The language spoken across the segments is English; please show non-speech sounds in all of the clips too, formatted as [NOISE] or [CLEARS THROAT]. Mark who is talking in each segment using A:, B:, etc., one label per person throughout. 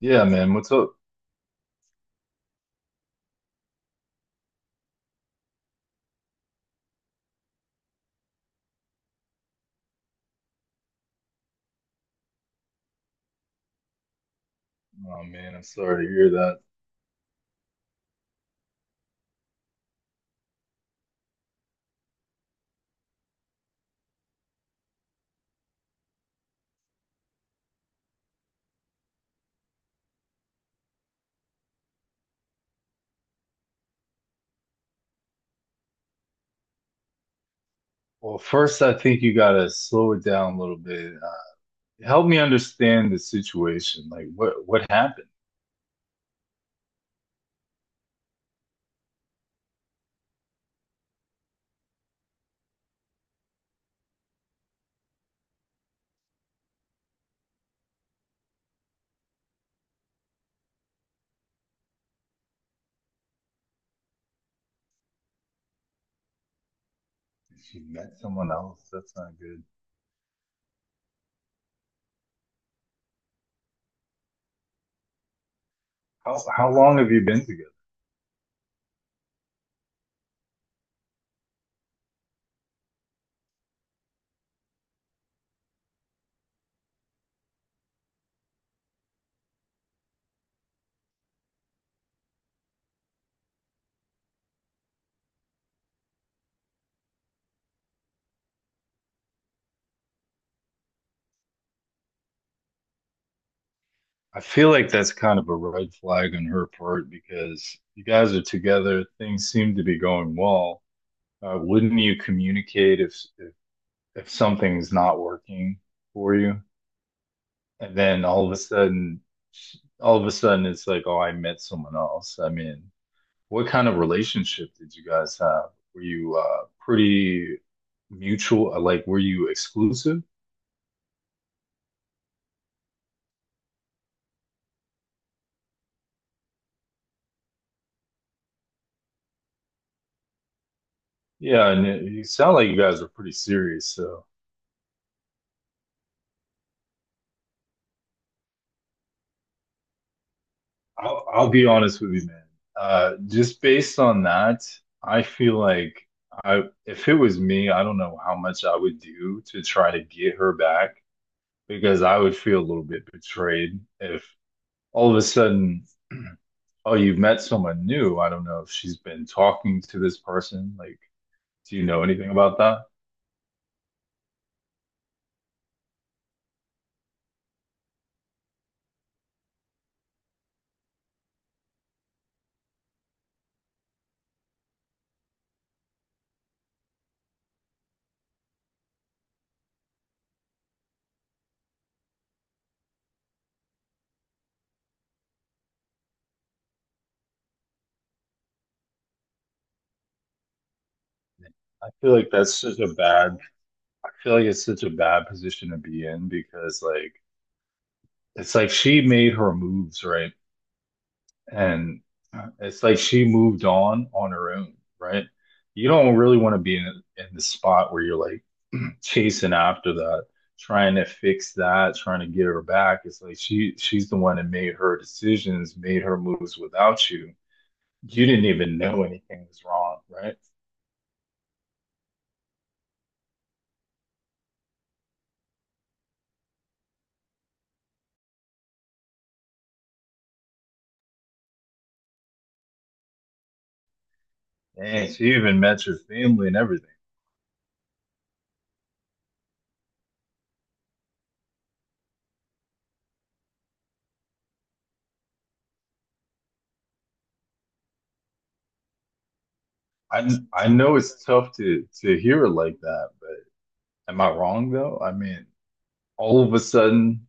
A: Yeah, man. What's up? Oh man, I'm sorry to hear that. Well, first, I think you gotta slow it down a little bit. Help me understand the situation. Like, what happened? She met someone else. That's not good. How long have you been together? I feel like that's kind of a red flag on her part because you guys are together. Things seem to be going well. Wouldn't you communicate if something's not working for you? And then all of a sudden, all of a sudden, it's like, oh, I met someone else. I mean, what kind of relationship did you guys have? Were you pretty mutual? Like, were you exclusive? Yeah, and you sound like you guys are pretty serious. So I'll be honest with you, man. Just based on that, I feel like I if it was me, I don't know how much I would do to try to get her back because I would feel a little bit betrayed if all of a sudden, [CLEARS THROAT] oh, you've met someone new. I don't know if she's been talking to this person. Like, do you know anything about that? I feel like that's such a bad, I feel like it's such a bad position to be in because like it's like she made her moves, right? And it's like she moved on her own, right? You don't really want to be in the spot where you're like [CLEARS THROAT] chasing after that, trying to fix that, trying to get her back. It's like she's the one that made her decisions, made her moves without you. You didn't even know anything was wrong, right? And she even met your family and everything. I know it's tough to hear it like that, but am I wrong though? I mean, all of a sudden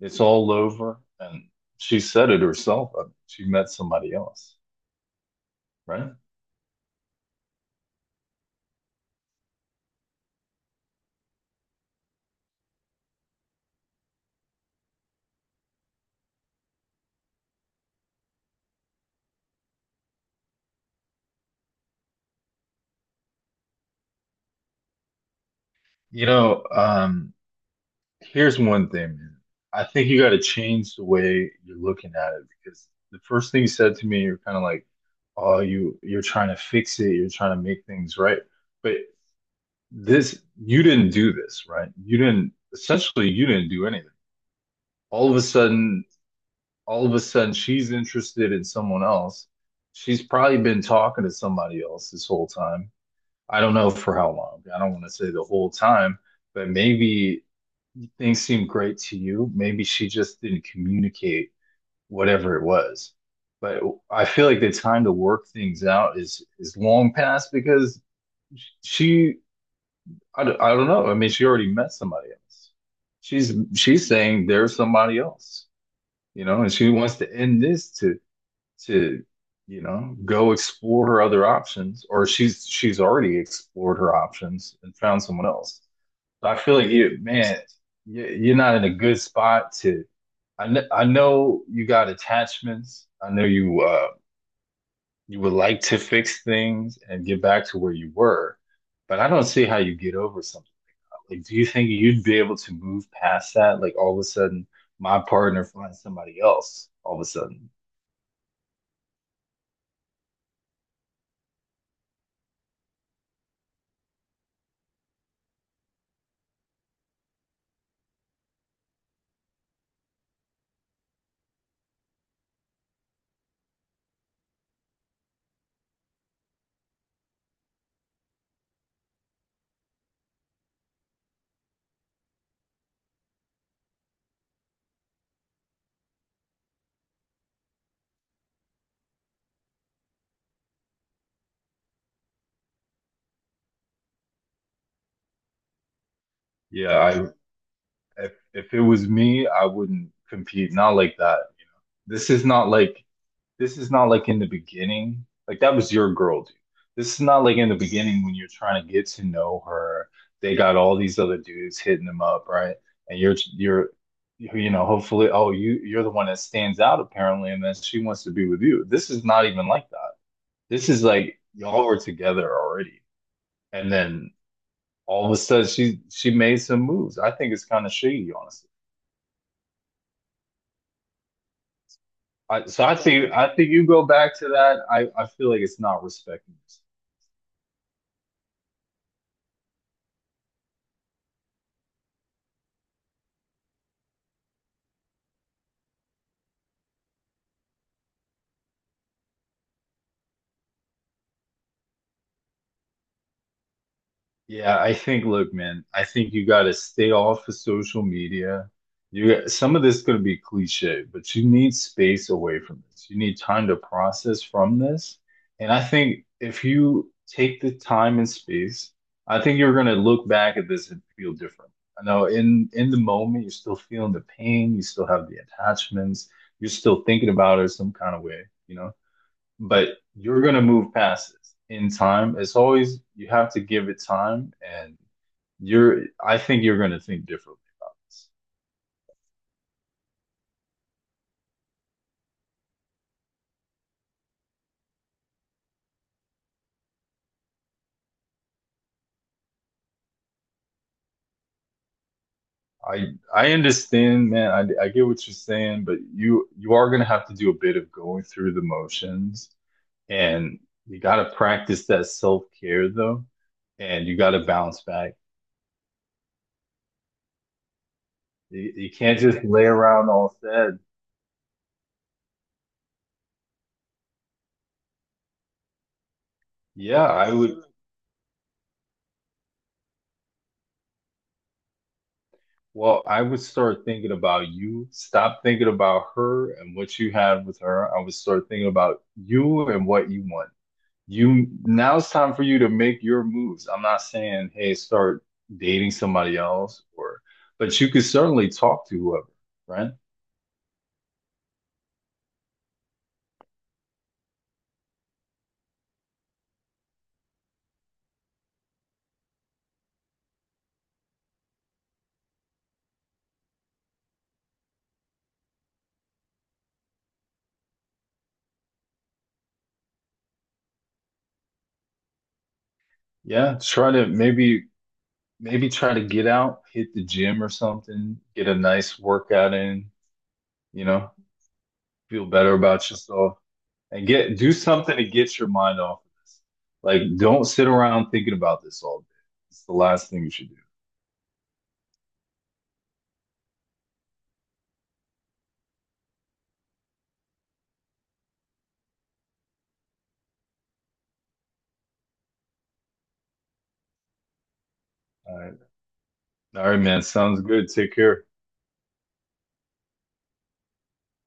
A: it's all over and she said it herself, she met somebody else, right? You know, um, here's one thing, man. I think you got to change the way you're looking at it, because the first thing you said to me, you're kind of like, oh, you're trying to fix it, you're trying to make things right. But this, you didn't do this, right? You didn't, essentially, you didn't do anything. All of a sudden, all of a sudden she's interested in someone else. She's probably been talking to somebody else this whole time. I don't know for how long. I don't want to say the whole time, but maybe things seemed great to you. Maybe she just didn't communicate whatever it was. But I feel like the time to work things out is long past because she I don't know. I mean, she already met somebody else. She's saying there's somebody else, you know, and she wants to end this to you know, go explore her other options. Or she's already explored her options and found someone else. So I feel like you, man, you're not in a good spot to I know you got attachments. I know you you would like to fix things and get back to where you were, but I don't see how you get over something like. Do you think you'd be able to move past that, like, all of a sudden my partner finds somebody else all of a sudden? Yeah, I if it was me, I wouldn't compete. Not like that. You know, this is not like this is not like in the beginning. Like, that was your girl, dude. This is not like in the beginning when you're trying to get to know her. They got all these other dudes hitting them up, right? And you're, you know, hopefully, oh, you're the one that stands out apparently, and then she wants to be with you. This is not even like that. This is like y'all were together already, and then all of a sudden she made some moves. I think it's kind of shady, honestly. I think you go back to that. I feel like it's not respecting us. Yeah, I think, look, man, I think you got to stay off of social media. Some of this is going to be cliche, but you need space away from this. You need time to process from this. And I think if you take the time and space, I think you're going to look back at this and feel different. I know, in the moment you're still feeling the pain, you still have the attachments, you're still thinking about it some kind of way, you know. But you're gonna move past this in time. It's always, you have to give it time, and you're. I think you're gonna think differently about this. I understand, man. I get what you're saying, but you are gonna have to do a bit of going through the motions, and you gotta practice that self-care though, and you gotta bounce back. You can't just lay around all sad. Yeah, I would Well, I would start thinking about you. Stop thinking about her and what you have with her. I would start thinking about you and what you want. You, now it's time for you to make your moves. I'm not saying, hey, start dating somebody else or, but you could certainly talk to whoever, right? Yeah, try to maybe try to get out, hit the gym or something, get a nice workout in, you know, feel better about yourself. And get, do something to get your mind off of this. Like, don't sit around thinking about this all day. It's the last thing you should do. All right, all right, man. Sounds good. Take care.